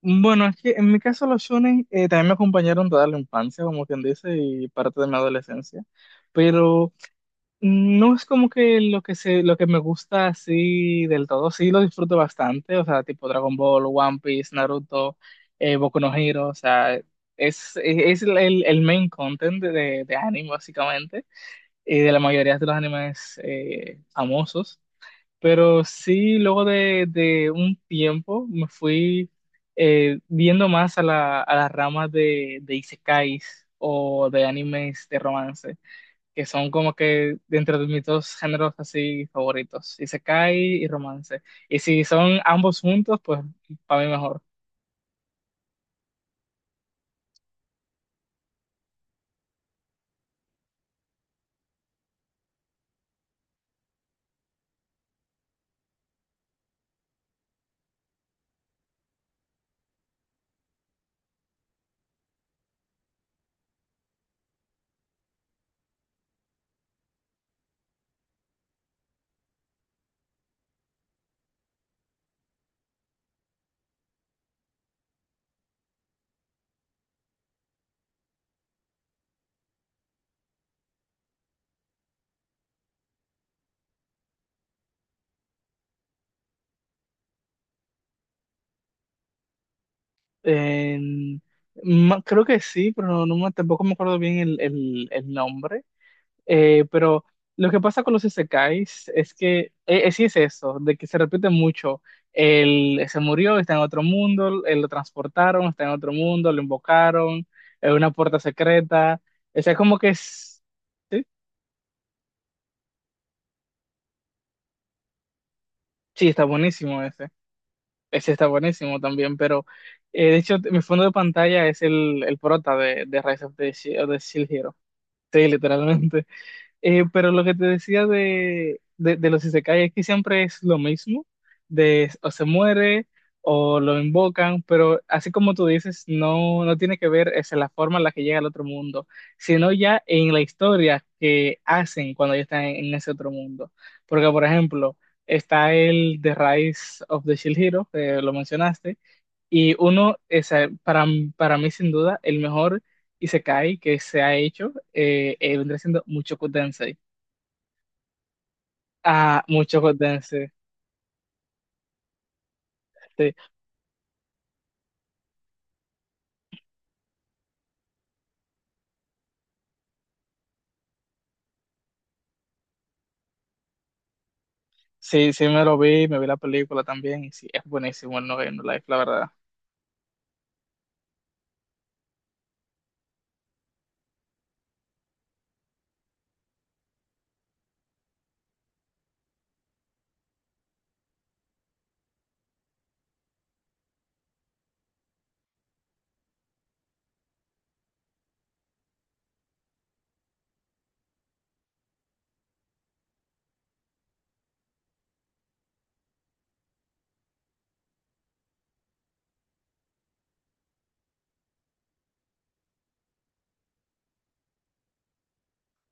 Bueno, es que en mi caso los shonen también me acompañaron toda la infancia, como quien dice, y parte de mi adolescencia, pero no es como que lo que me gusta así del todo, sí lo disfruto bastante, o sea, tipo Dragon Ball, One Piece, Naruto, Boku no Hero, o sea, es el main content de anime básicamente, y de la mayoría de los animes famosos. Pero sí, luego de un tiempo me fui viendo más a a las ramas de isekais o de animes de romance, que son como que dentro de mis dos géneros así favoritos, isekai y romance. Y si son ambos juntos, pues para mí mejor. Eh, Creo que sí, pero tampoco me acuerdo bien el nombre. Pero lo que pasa con los isekais es que sí es eso, de que se repite mucho. Él se murió, está en otro mundo, él lo transportaron, está en otro mundo, lo invocaron, en una puerta secreta. O sea, como que es... Sí, sí, está buenísimo ese. Ese está buenísimo también, pero de hecho mi fondo de pantalla es el prota de Rise of the, Shield Hero. Sí, literalmente. Pero lo que te decía de los isekai es que siempre es lo mismo, de o se muere o lo invocan, pero así como tú dices, no tiene que ver es la forma en la que llega al otro mundo, sino ya en la historia que hacen cuando ya están en ese otro mundo. Porque, por ejemplo, está el The Rise of the Shield Hero, que lo mencionaste, y uno, para mí sin duda, el mejor isekai que se ha hecho, vendría siendo Mushoku Tensei. Ah, mucho Gotense. Este, sí, sí me lo vi, me vi la película también, y sí, es buenísimo el No Game No Life, la verdad.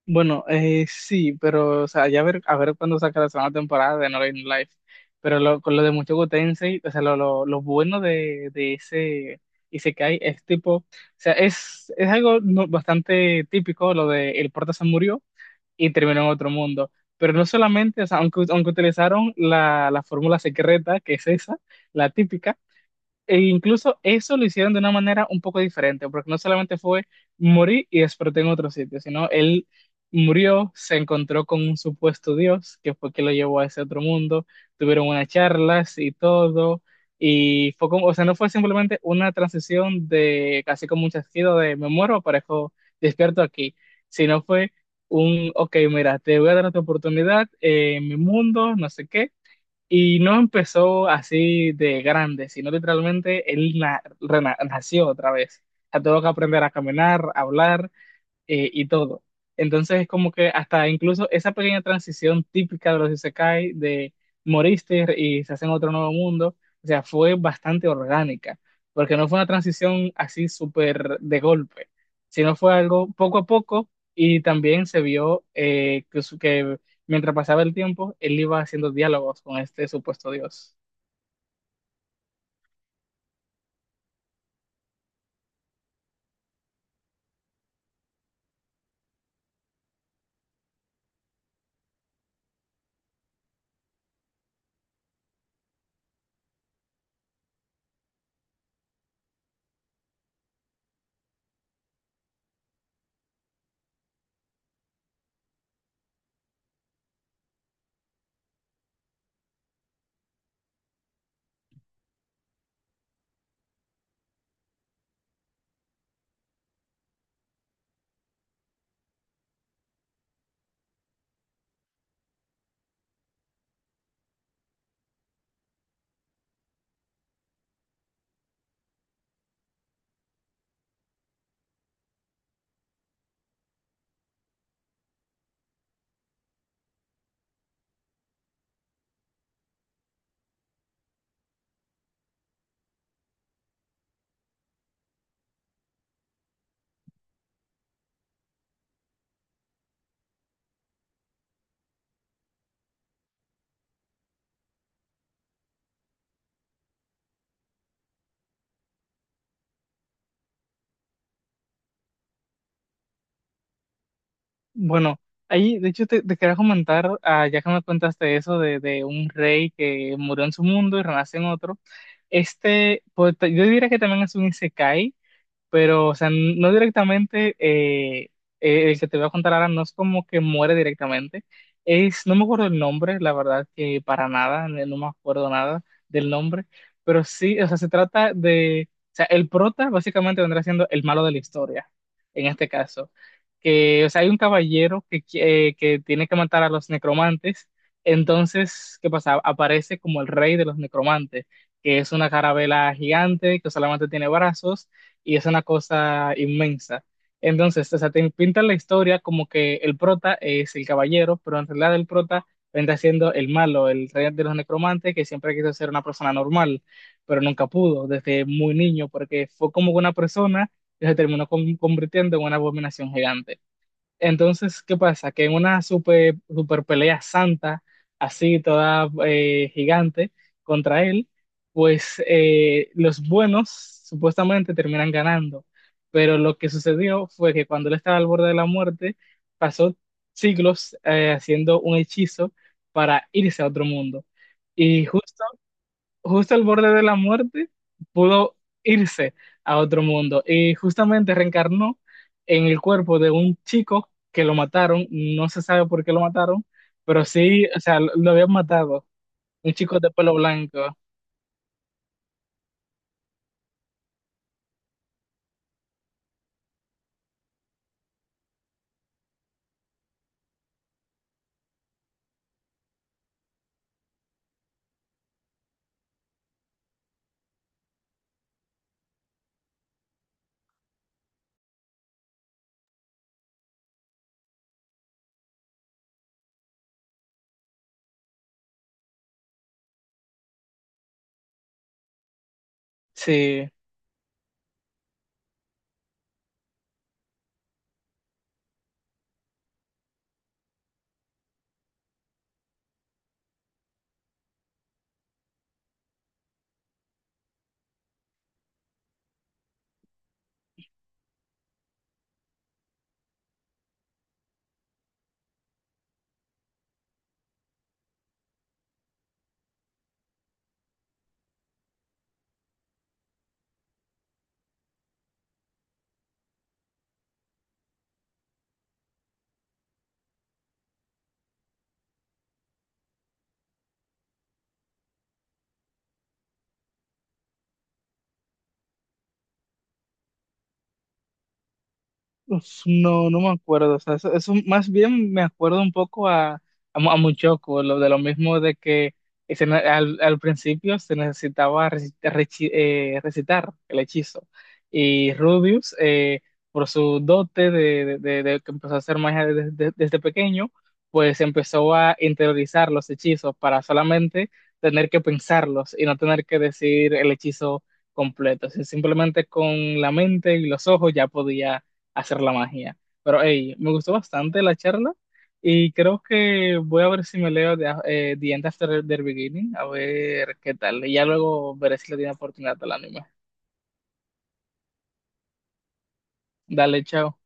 Bueno, sí, pero, o sea, ya a ver cuándo saca la segunda temporada de No Game No Life. Pero con lo de Mucho Gotense, o sea, lo bueno de ese isekai es tipo, o sea, es algo bastante típico, lo de el prota se murió y terminó en otro mundo. Pero no solamente, o sea, aunque utilizaron la fórmula secreta, que es esa, la típica. E incluso eso lo hicieron de una manera un poco diferente, porque no solamente fue morir y despertó en otro sitio, sino él murió, se encontró con un supuesto Dios, que fue que lo llevó a ese otro mundo, tuvieron unas charlas y todo, y fue como, o sea, no fue simplemente una transición de casi como un chasquido de me muero, aparezco despierto aquí, sino fue un, ok, mira, te voy a dar otra oportunidad en mi mundo, no sé qué, y no empezó así de grande, sino literalmente nació otra vez. O sea, tuvo que aprender a caminar, a hablar y todo. Entonces es como que hasta incluso esa pequeña transición típica de los isekai, de moriste y se hace en otro nuevo mundo, o sea, fue bastante orgánica, porque no fue una transición así súper de golpe, sino fue algo poco a poco, y también se vio que mientras pasaba el tiempo, él iba haciendo diálogos con este supuesto dios. Bueno, ahí de hecho te quería comentar, ah, ya que me contaste eso de un rey que murió en su mundo y renace en otro, este, pues, yo diría que también es un isekai, pero, o sea, no directamente, el que te voy a contar ahora no es como que muere directamente, es, no me acuerdo el nombre, la verdad que para nada, no no me acuerdo nada del nombre, pero sí, o sea, se trata de, o sea, el prota básicamente vendrá siendo el malo de la historia, en este caso, que, o sea, hay un caballero que tiene que matar a los necromantes, entonces, ¿qué pasa? Aparece como el rey de los necromantes, que es una carabela gigante que solamente tiene brazos y es una cosa inmensa. Entonces, o sea, te pintan la historia como que el prota es el caballero, pero en realidad el prota vendrá siendo el malo, el rey de los necromantes que siempre quiso ser una persona normal, pero nunca pudo desde muy niño porque fue como una persona que se terminó convirtiendo en una abominación gigante. Entonces, ¿qué pasa? Que en una super pelea santa, así toda gigante contra él, pues los buenos supuestamente terminan ganando. Pero lo que sucedió fue que cuando él estaba al borde de la muerte, pasó siglos haciendo un hechizo para irse a otro mundo. Y justo al borde de la muerte, pudo irse a otro mundo y justamente reencarnó en el cuerpo de un chico que lo mataron, no se sabe por qué lo mataron, pero sí, o sea, lo habían matado, un chico de pelo blanco. Sí. Uf, no, no me acuerdo. O sea, eso más bien me acuerdo un poco a, Muchoco, lo de lo mismo de que al, al principio se necesitaba recitar, recitar el hechizo. Y Rubius, por su dote de que empezó a hacer magia desde, desde pequeño, pues empezó a interiorizar los hechizos para solamente tener que pensarlos y no tener que decir el hechizo completo. O sea, simplemente con la mente y los ojos ya podía hacer la magia. Pero hey, me gustó bastante la charla y creo que voy a ver si me leo The, The End After the Beginning, a ver qué tal. Y ya luego veré si le di una oportunidad al anime. Dale, chao.